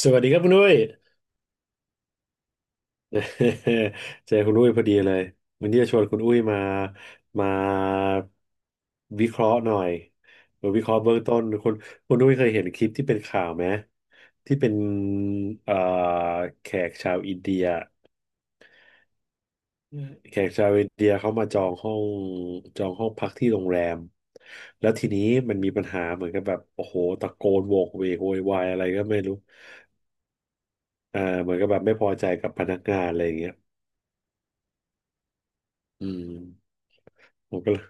สวัสดีครับคุณอุ้ย เจอคุณอุ้ยพอดีเลยวันนี้จะชวนคุณอุ้ยมาวิเคราะห์หน่อยมาวิเคราะห์เบื้องต้นคุณอุ้ยเคยเห็นคลิปที่เป็นข่าวไหมที่เป็นเอ่อแขกชาวอินเดียอืมแขกชาวอินเดียเขามาจองห้องพักที่โรงแรมแล้วทีนี้มันมีปัญหาเหมือนกับแบบโอ้โหตะโกนโวกเวกโวยวายอะไรก็ไม่รู้เหมือนกับแบบไม่พอใจกับพนักงานอะไรอย่างเงี้ยอืม ผมก็เลย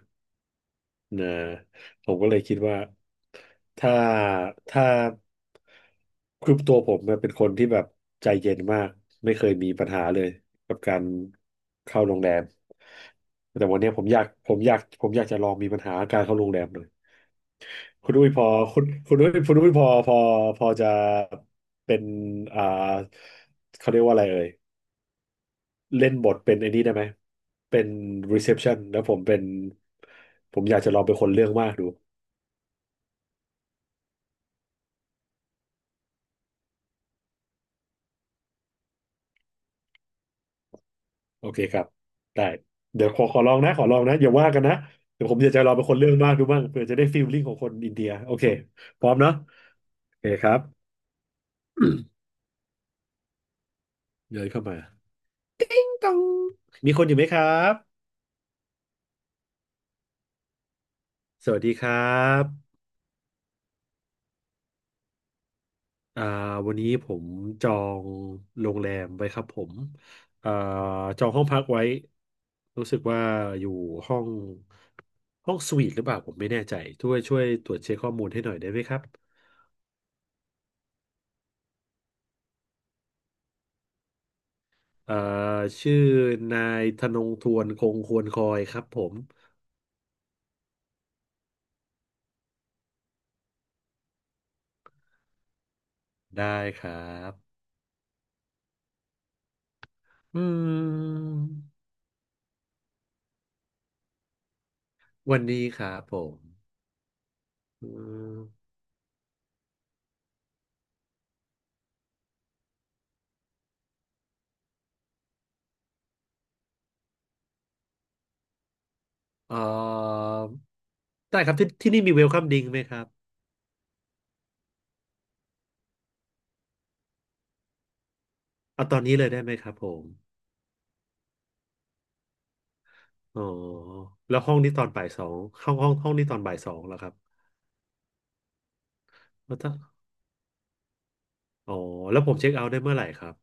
นะผมก็เลยคิดว่าถ้าถ้าคือตัวผมเนี่ยเป็นคนที่แบบใจเย็นมากไม่เคยมีปัญหาเลยกับการเข้าโรงแรมแต่วันเนี้ยผมอยากผมอยากผมอยากจะลองมีปัญหาการเข้าโรงแรมเลยคุณอุ้ยพอคุณคุณอุ้ยคุณอุ้ยพอพอพอจะเป็นอ่าเขาเรียกว่าอะไรเอ่ยเล่นบทเป็นไอ้นี่ได้ไหมเป็น reception แล้วผมเป็นผมอยากจะลองเป็นคนเรื่องมากดู โอเคครับได้เดี๋ยวขอลองนะขอลองนะอย่าว่ากันนะเดี๋ยวผมอยากจะลองเป็นคนเรื่องมากดูบ้างเผื่อจะได้ฟีลลิ่งของคนอินเดียโอเค พร้อมเนาะโอเคครับ เดินเข้ามาตองมีคนอยู่ไหมครับ สวัสดีครับอ่าวันนี้ผมจองโรงแรมไว้ครับผมอ่าจองห้องพักไว้รู้สึกว่าอยู่ห้องห้องสวีทหรือเปล่าผมไม่แน่ใจช่วยตรวจเช็คข้อมูลให้หน่อยได้ไหมครับ เอ่อชื่อนายธนงทวนคงควรคอยครับผมได้ครับอืมวันนี้ครับผมอืมเอ่อได้ครับที่นี่มีเวลคัมดิงไหมครับเอาตอนนี้เลยได้ไหมครับผมอ๋อแล้วห้องนี้ตอนบ่ายสองห้องนี้ตอนบ่ายสองแล้วครับแล้วถ้าอ๋อแล้วผมเช็คเอาท์ได้เมื่อไหร่ครับ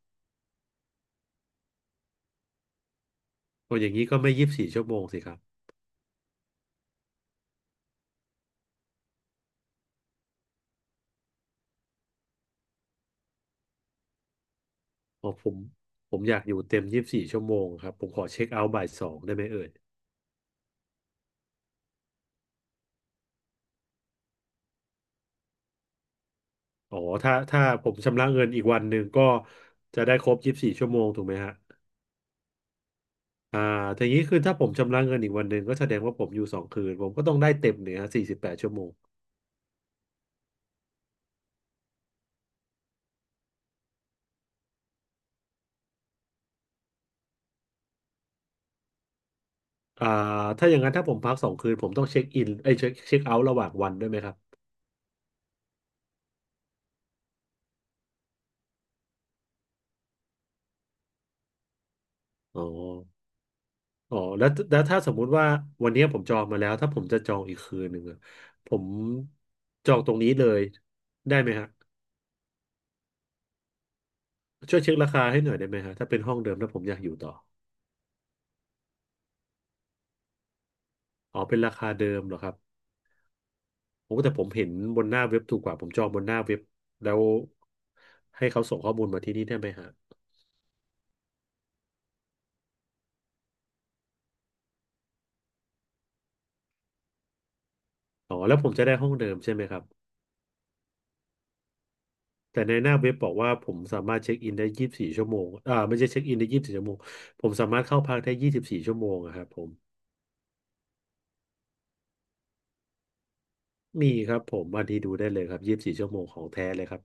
โอ้อย่างนี้ก็ไม่ยี่สิบสี่ชั่วโมงสิครับอ๋อผมอยากอยู่เต็มยี่สิบสี่ชั่วโมงครับผมขอเช็คเอาท์บ่ายสองได้ไหมเอ่ย อ๋อถ้าผมชำระเงินอีกวันหนึ่งก็จะได้ครบยี่สิบสี่ชั่วโมงถูกไหมฮะอ่าทีนี้คือถ้าผมชำระเงินอีกวันหนึ่งก็แสดงว่าผมอยู่สองคืนผมก็ต้องได้เต็มเนี่ยฮะ48 ชั่วโมงอ่าถ้าอย่างนั้นถ้าผมพักสองคืนผมต้องเช็คอินไอ้ยเช็คเช็คเอาท์ระหว่างวันด้วยไหมครับอ๋ออ๋อแล้วถ้าสมมุติว่าวันนี้ผมจองมาแล้วถ้าผมจะจองอีกคืนหนึ่งอะผมจองตรงนี้เลยได้ไหมฮะช่วยเช็คราคาให้หน่อยได้ไหมฮะถ้าเป็นห้องเดิมแล้วผมอยากอยู่ต่ออ๋อเป็นราคาเดิมเหรอครับ โอ้แต่ผมเห็นบนหน้าเว็บถูกกว่าผมจองบนหน้าเว็บแล้วให้เขาส่งข้อมูลมาที่นี่ได้ไหมฮะอ๋อแล้วผมจะได้ห้องเดิมใช่ไหมครับแต่ในหน้าเว็บบอกว่าผมสามารถเช็คอินได้ยี่สิบสี่ชั่วโมงไม่ใช่เช็คอินได้ยี่สิบสี่ชั่วโมงผมสามารถเข้าพักได้ยี่สิบสี่ชั่วโมงอะครับผมมีครับผมวันที่ดูได้เลยครับยี่สิบสี่ชั่วโมงของแท้เลยครับ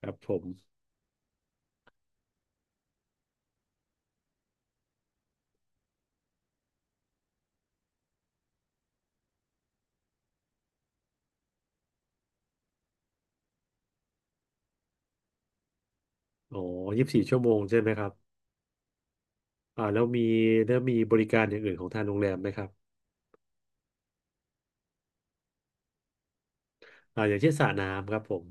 ครับผมอ๋อยี่สิบสี่ชั่วโมงใช่ไหมครับอ่าแล้วมีแล้วมีบริการอย่างอื่นของทางโรงแรมไหมครับอย่างเช่นสระน้ำครับผม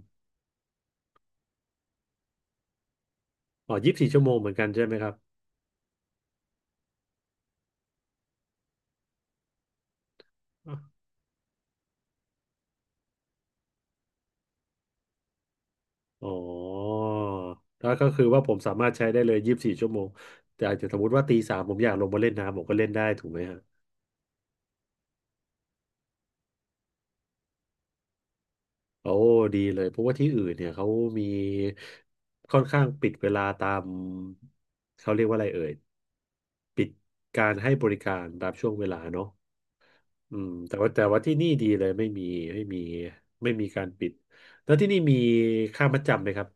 อ๋อยี่สิบสี่ชั่วโมงเหมือนกันใช่ไหมครับ อ๋อแล้วก็คือว่าผมสามารถใช้ได้เลยยี่สิบสี่ชั่วโมง แต่อาจจะสมมติว่าตีสามผมอยากลงมาเล่นน้ำผมก็เล่นได้ถูกไหมฮะโอ้ดีเลยเพราะว่าที่อื่นเนี่ยเขามีค่อนข้างปิดเวลาตามเขาเรียกว่าอะไรเอ่ยการให้บริการตามช่วงเวลาเนาะอืมแต่ว่าที่นี่ดีเลยไม่มีไม่มีการปิดแล้วที่นี่มีค่ามัดจำไหมครับ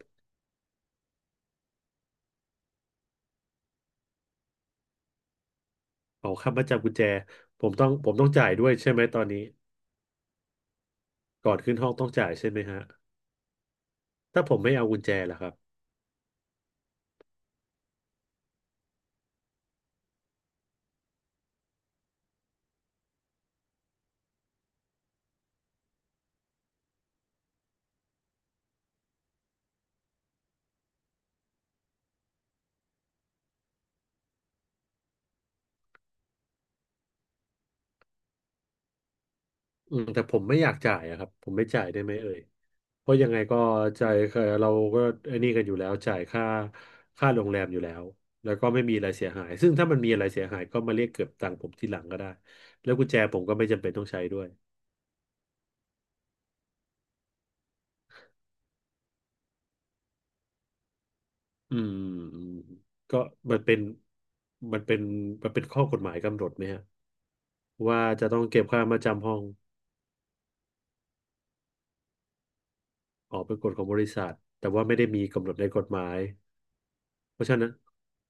เอาค่ามัดจำกุญแจผมต้องจ่ายด้วยใช่ไหมตอนนี้ก่อนขึ้นห้องต้องจ่ายใช่ไหมฮะ ถ้าผมไม่เอากุญแจล่ะครับแต่ผมไม่อยากจ่ายอะครับผมไม่จ่ายได้ไหมเอ่ยเพราะยังไงก็จ่ายเราก็ไอ้นี่กันอยู่แล้วจ่ายค่าโรงแรมอยู่แล้วแล้วก็ไม่มีอะไรเสียหายซึ่งถ้ามันมีอะไรเสียหายก็มาเรียกเก็บตังค์ผมทีหลังก็ได้แล้วกุญแจผมก็ไม่จำเป็นต้องใช้ด้วยอืมอืมก็มันเป็นมันเป็นมันเป็นข้อกฎหมายกำหนดไหมฮะว่าจะต้องเก็บค่ามาจำห้องออกเป็นกฎของบริษัทแต่ว่าไม่ได้มีกำหนดในกฎหมาย เพราะฉะนั้น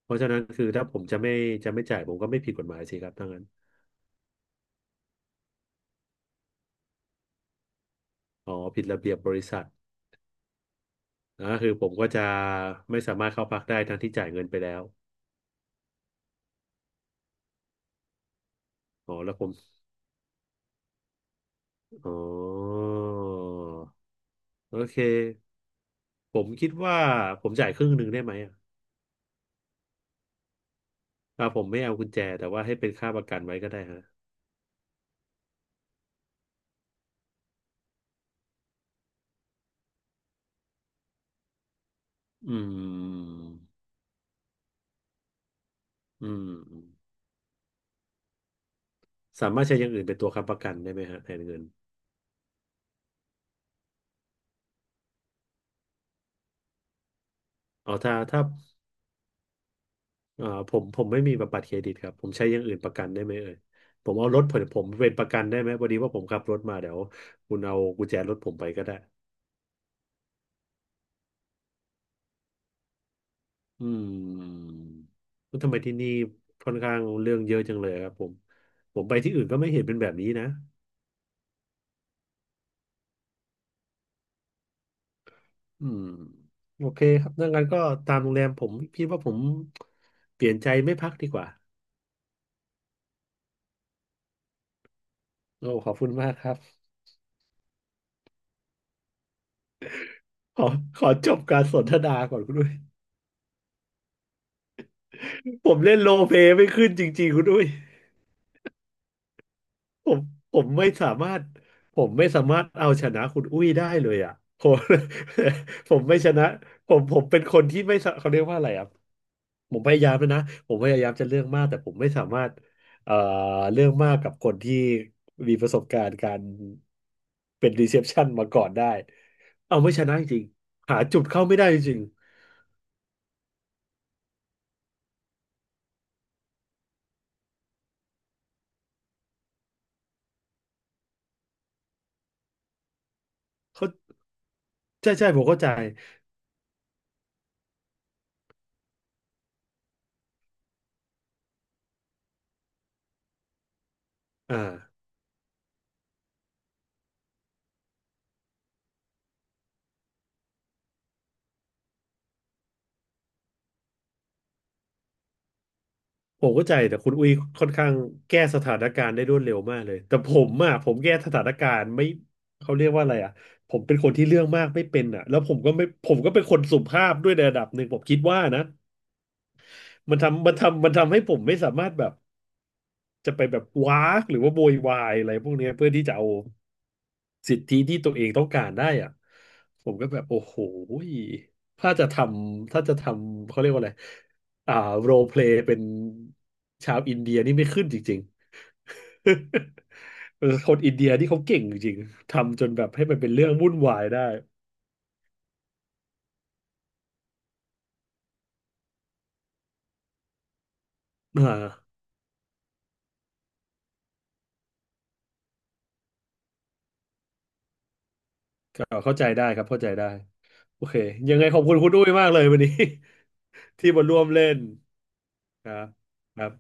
เพราะฉะนั้นคือถ้าผมจะไม่จะไม่จ่ายผมก็ไม่ผิดกฎหมายสิครับถ้างั้นอ๋อผิดระเบียบบริษัทนะคือผมก็จะไม่สามารถเข้าพักได้ทั้งที่จ่ายเงินไปแล้วอ๋อแล้วผมอ๋อโอเคผมคิดว่าผมจ่ายครึ่งหนึ่งได้ไหมอ่ะผมไม่เอากุญแจแต่ว่าให้เป็นค่าประกันไว้ก็ได้ฮะอืมอืมสามารถใช้อย่างอื่นเป็นตัวค้ำประกันได้ไหมฮะแทนเงินอ๋อถ้า ผมไม่มีแบบบัตรเครดิตครับผมใช้อย่างอื่นประกันได้ไหมเอ่ยผมเอารถผมเป็นประกันได้ไหมพอดีว่าผมขับรถมาเดี๋ยวคุณเอากุญแจรถผมไปก็ได้อืมแล้วทำไมที่นี่ค่อนข้างเรื่องเยอะจังเลยครับผมผมไปที่อื่นก็ไม่เห็นเป็นแบบนี้นะอืมโอเคครับดังนั้นก็ตามโรงแรมผมพี่ว่าผมเปลี่ยนใจไม่พักดีกว่าโอ้ขอบคุณมากครับขอขอจบการสนทนาก่อนคุณด้วยผมเล่นโรลเพลย์ไม่ขึ้นจริงๆคุณด้วย ผมผมไม่สามารถผมไม่สามารถเอาชนะคุณอุ้ยได้เลยอ่ะผม ผมไม่ชนะผมเป็นคนที่ไม่สะเขาเรียกว่าอะไรอ่ะผมพยายามแล้วนะผมพยายามจะเรื่องมากแต่ผมไม่สามารถเอ่อเรื่องมากกับคนที่มีประสบการณ์การเป็นรีเซพชันมาก่อนได้เอาไม่ชนะจริงๆหาจุดเข้าไม่ได้จริงๆเขาใช่ใช่ผมเข้าใจอ่า ผมเข้าใจแต่คุณอุ้ยค่อนข้างแก้สถานการณ์ได้รวดเร็วมากเลยแต่ผมอ่ะผมแก้สถานการณ์ไม่เขาเรียกว่าอะไรอ่ะผมเป็นคนที่เรื่องมากไม่เป็นอ่ะแล้วผมก็ไม่ผมก็เป็นคนสุภาพด้วยในระดับหนึ่งผมคิดว่านะมันทำให้ผมไม่สามารถแบบ จะไปแบบว้ากหรือว่าโวยวายอะไรพวกเนี้ยเพื่อที่จะเอาสิทธิที่ตัวเองต้องการได้อ่ะผมก็แบบโอ้โหยถ้าจะทถ้าจะทำเขาเรียกว่าอะไรอ่าโรลเพลย์เป็นชาวอินเดียนี่ไม่ขึ้นจริงๆ เออคนอินเดียที่เขาเก่งจริงๆทำจนแบบให้มันเป็นเรื่องวุ่นวายได้อ่าก็เข้าใจได้ครับเข้าใจได้โอเคยังไงขอบคุณคุณอุ้ยมากเลยวันนี้ ที่มาร่วมเล่นครับครับ